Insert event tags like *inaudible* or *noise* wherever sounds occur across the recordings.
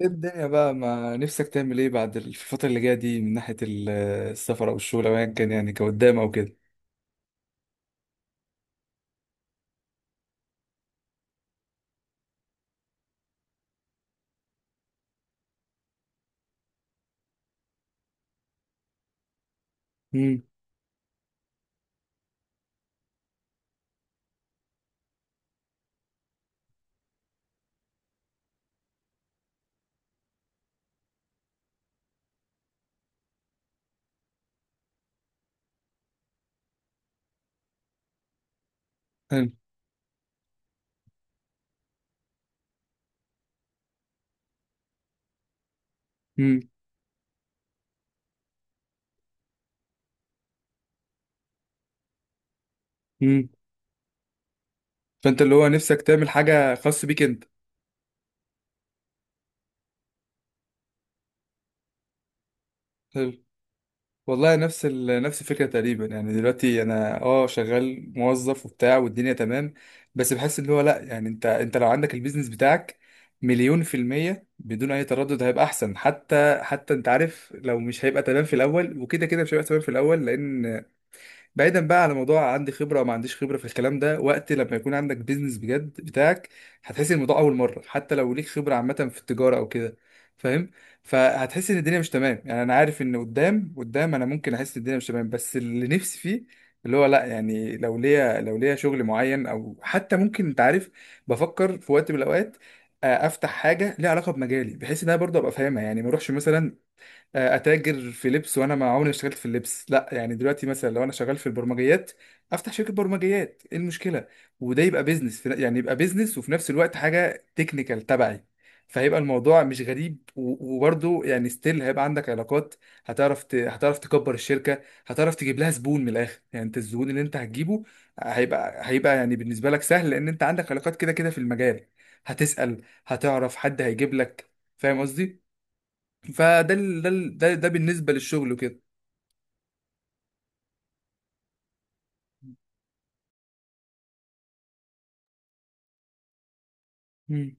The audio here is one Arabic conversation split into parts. ايه الدنيا بقى، ما نفسك تعمل ايه بعد الفترة اللي جاية دي من ناحية السفر او الشغل او ايا كان، يعني كقدام او كده. امم. حلو. امم. امم. فانت اللي هو نفسك تعمل حاجة خاص بيك انت. حلو. والله نفس الفكرة تقريبا، يعني دلوقتي انا اه شغال موظف وبتاع والدنيا تمام، بس بحس اللي هو لا، يعني انت لو عندك البيزنس بتاعك مليون في المية بدون أي تردد هيبقى أحسن، حتى أنت عارف لو مش هيبقى تمام في الأول، وكده كده مش هيبقى تمام في الأول، لأن بعيدا بقى على موضوع عندي خبره او ما عنديش خبره في الكلام ده، وقت لما يكون عندك بيزنس بجد بتاعك هتحس إن الموضوع اول مره، حتى لو ليك خبره عامه في التجاره او كده، فاهم؟ فهتحس ان الدنيا مش تمام، يعني انا عارف ان قدام انا ممكن احس ان الدنيا مش تمام، بس اللي نفسي فيه اللي هو لا، يعني لو ليا شغل معين، او حتى ممكن انت عارف بفكر في وقت من الاوقات افتح حاجه ليها علاقه بمجالي، بحيث ان انا برضه ابقى فاهمها، يعني ما اروحش مثلا اتاجر في لبس وانا ما عمري ما اشتغلت في اللبس، لا يعني دلوقتي مثلا لو انا شغال في البرمجيات افتح شركه برمجيات، ايه المشكله؟ وده يبقى بيزنس يعني يبقى بيزنس، وفي نفس الوقت حاجه تكنيكال تبعي، فهيبقى الموضوع مش غريب، وبرضه يعني ستيل هيبقى عندك علاقات. هتعرف تكبر الشركه، هتعرف تجيب لها زبون من الاخر، يعني انت الزبون اللي انت هتجيبه هيبقى يعني بالنسبه لك سهل، لان انت عندك علاقات كده كده في المجال، هتسال، هتعرف حد هيجيب لك. فاهم قصدي؟ فده ال- ده ال- ده ده بالنسبة للشغل وكده. مم.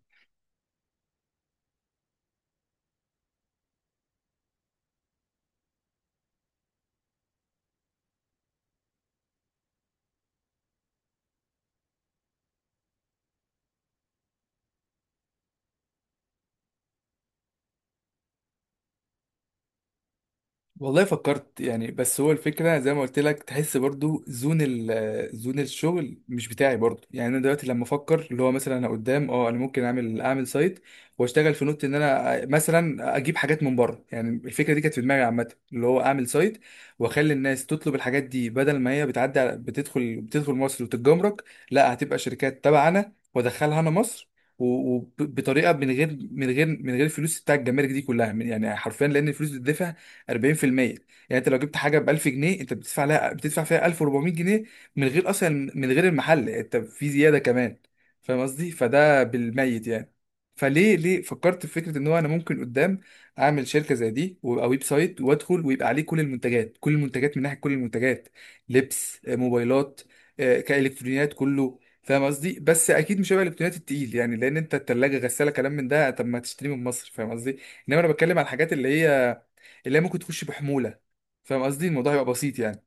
والله فكرت يعني، بس هو الفكرة زي ما قلت لك، تحس برضو زون الشغل مش بتاعي برضو، يعني انا دلوقتي لما افكر اللي هو مثلا انا قدام اه انا ممكن اعمل سايت واشتغل في نوت، ان انا مثلا اجيب حاجات من بره، يعني الفكرة دي كانت في دماغي عامة، اللي هو اعمل سايت واخلي الناس تطلب الحاجات دي، بدل ما هي بتدخل مصر وتتجمرك، لا هتبقى شركات تبعنا وادخلها انا مصر، وبطريقه من غير الفلوس بتاع الجمارك دي كلها، يعني حرفيا، لان الفلوس بتدفع 40%، يعني انت لو جبت حاجه ب 1000 جنيه انت بتدفع فيها 1400 جنيه، من غير اصلا من غير المحل، انت في زياده كمان، فاهم قصدي؟ فده بالميت يعني. فليه فكرت في فكره ان هو انا ممكن قدام اعمل شركه زي دي، ويبقى ويب سايت وادخل، ويبقى عليه كل المنتجات، كل المنتجات من ناحيه كل المنتجات، لبس، موبايلات، كالكترونيات، كله فاهم قصدي، بس اكيد مش هيبقى الالكترونيات التقيل يعني، لان انت التلاجه غساله كلام من ده طب ما تشتري من مصر، فاهم قصدي؟ انما انا بتكلم على الحاجات اللي هي اللي هي ممكن تخش بحمولة، فاهم قصدي؟ الموضوع هيبقى بسيط يعني،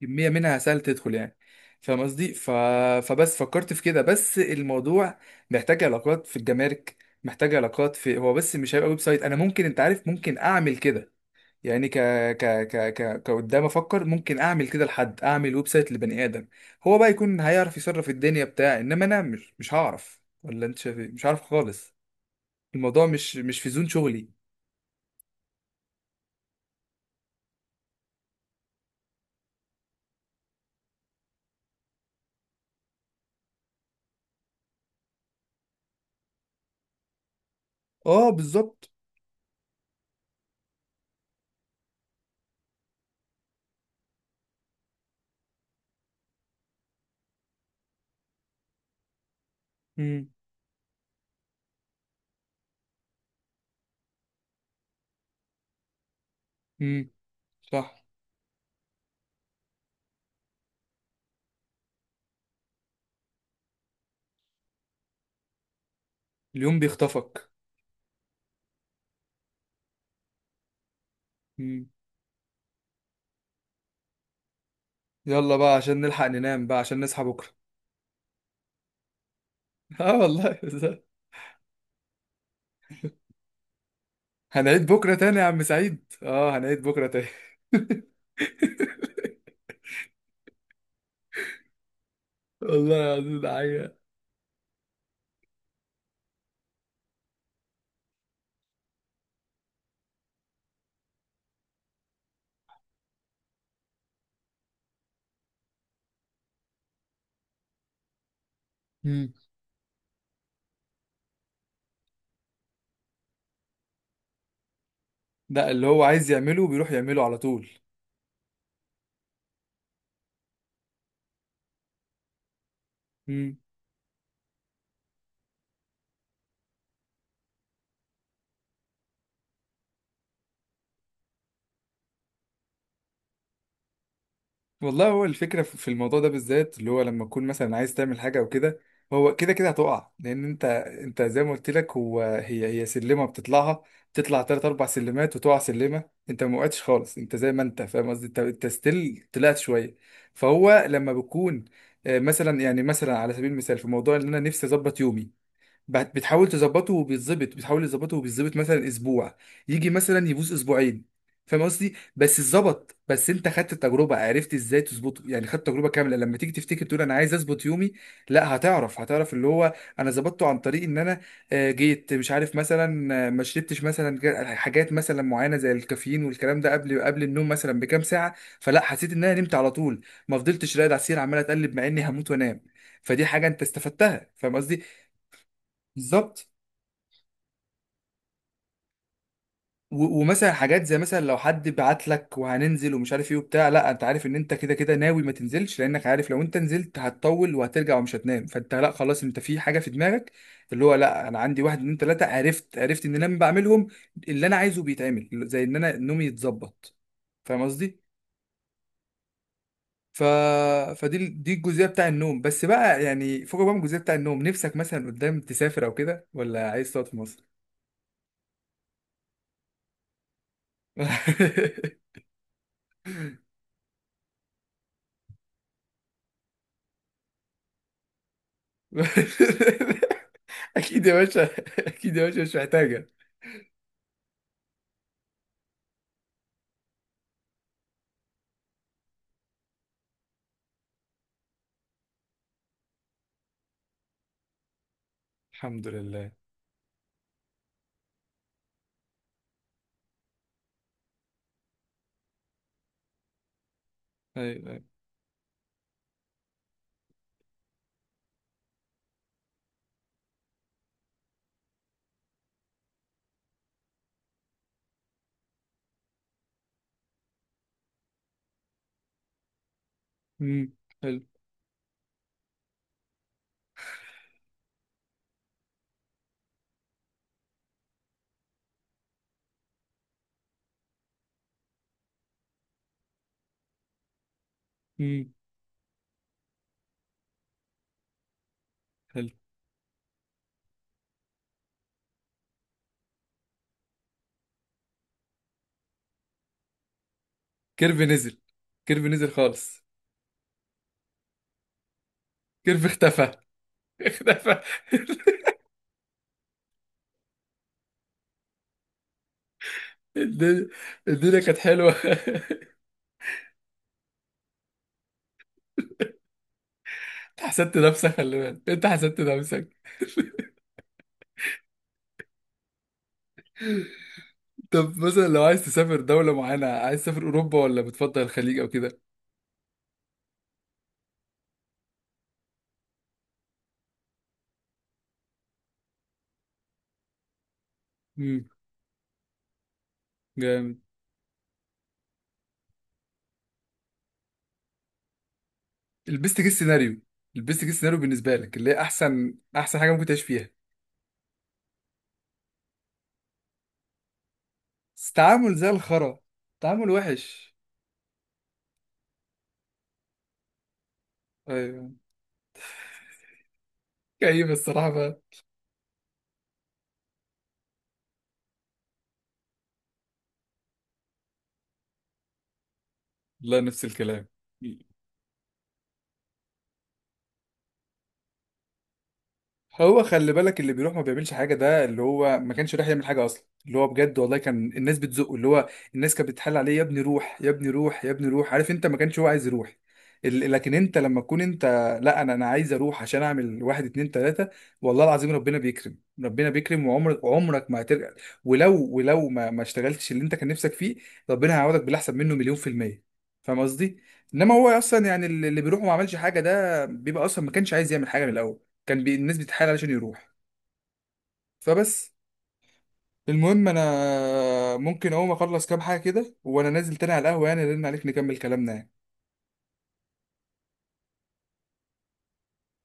كمية منها سهل تدخل يعني، فاهم قصدي؟ فبس فكرت في كده، بس الموضوع محتاج علاقات في الجمارك، محتاج علاقات في هو، بس مش هيبقى ويب سايت، انا ممكن انت عارف ممكن اعمل كده، يعني ك ك ك ك كقدام افكر ممكن اعمل كده، لحد اعمل ويب سايت لبني ادم هو بقى يكون هيعرف يصرف الدنيا بتاع، انما انا مش هعرف، ولا انت شايف إيه؟ مش عارف خالص، الموضوع مش في زون شغلي. اه بالظبط. امم. امم. صح. اليوم بيخطفك. مم. يلا بقى عشان نلحق ننام بقى عشان نصحى بكرة. *laughs* اه والله. *laughs* هنعيد بكرة تاني يا عم سعيد، اه هنعيد بكرة تاني. *laughs* والله العظيم ده حقيقة. مم. ده اللي هو عايز يعمله بيروح يعمله على طول. والله هو الفكرة في الموضوع ده بالذات، اللي هو لما تكون مثلا عايز تعمل حاجة أو كده، هو كده كده هتقع، لأن أنت، أنت زي ما قلت لك، هو هي سلمة بتطلعها، بتطلع تلات أربع سلمات وتقع سلمة. أنت ما وقعتش خالص، أنت زي ما أنت، فاهم قصدي؟ أنت ستيل طلعت شوية، فهو لما بكون مثلا يعني مثلا على سبيل المثال في موضوع إن أنا نفسي أظبط يومي، بتحاول تظبطه وبيتظبط، بتحاول تظبطه وبيتظبط مثلا اسبوع، يجي مثلا يبوظ اسبوعين، فاهم قصدي؟ بس اتظبط، بس انت خدت التجربه، عرفت ازاي تظبطه، يعني خدت تجربه كامله لما تيجي تفتكر تقول انا عايز اظبط يومي، لا هتعرف اللي هو انا ظبطته عن طريق ان انا جيت مش عارف مثلا، ما شربتش مثلا حاجات مثلا معينه زي الكافيين والكلام ده قبل النوم مثلا بكام ساعه، فلا حسيت ان انا نمت على طول، ما فضلتش راقد على السرير عمال اتقلب مع اني هموت وانام، فدي حاجه انت استفدتها، فاهم قصدي؟ بالظبط. ومثلا حاجات زي مثلا لو حد بعت لك وهننزل ومش عارف ايه وبتاع، لا انت عارف ان انت كده كده ناوي ما تنزلش، لانك عارف لو انت نزلت هتطول وهترجع ومش هتنام، فانت لا خلاص، انت في حاجه في دماغك اللي هو لا، انا عندي واحد اتنين تلاته، عرفت ان انا لما بعملهم اللي انا عايزه بيتعمل، زي ان انا نومي يتظبط، فاهم قصدي؟ ف... دي الجزئيه بتاع النوم بس بقى، يعني فوق بقى من الجزئيه بتاع النوم، نفسك مثلا قدام تسافر او كده، ولا عايز تقعد في مصر؟ *laughs* اكيد يا باشا. *laughs* اكيد يا باشا، مش محتاجه. الحمد لله. ايوه، ايوه. امم. حلو. امم. حلو. كيرف نزل. كيرف نزل خالص. كيرف اختفى. *laughs* اختفى. *laughs* الدنيا، الدنيا كانت حلوه. *laughs* انت حسدت نفسك، خلي بالك انت حسدت نفسك. طب مثلا لو عايز تسافر دوله معينه، عايز تسافر اوروبا ولا بتفضل الخليج او كده؟ امم. جامد. البيست كيس سيناريو، البيست كيس سيناريو بالنسبه لك اللي هي احسن احسن حاجه ممكن تعيش فيها. بس تعامل زي الخرا، تعامل وحش. ايوه. كئيب الصراحه بقى. لا نفس الكلام. هو خلي بالك اللي بيروح ما بيعملش حاجه، ده اللي هو ما كانش رايح يعمل حاجه اصلا، اللي هو بجد والله كان الناس بتزقه، اللي هو الناس كانت بتحل عليه، يا ابني روح، يا ابني روح، يا ابني روح، عارف انت ما كانش هو عايز يروح. لكن انت لما تكون انت لا، انا عايز اروح عشان اعمل واحد اتنين تلاته، والله العظيم ربنا بيكرم، ربنا بيكرم، وعمرك عمرك ما هترجع، ولو ولو ما اشتغلتش اللي انت كان نفسك فيه، ربنا هيعوضك بالاحسن منه مليون في الميه، فاهم قصدي؟ انما هو اصلا يعني اللي بيروح وما عملش حاجه ده بيبقى اصلا ما كانش عايز يعمل حاجه من الاول، كان الناس بتتحايل علشان يروح. فبس، المهم انا ممكن اقوم اخلص كام حاجه كده وانا نازل تاني على القهوه يعني، ارن عليك نكمل كلامنا يعني.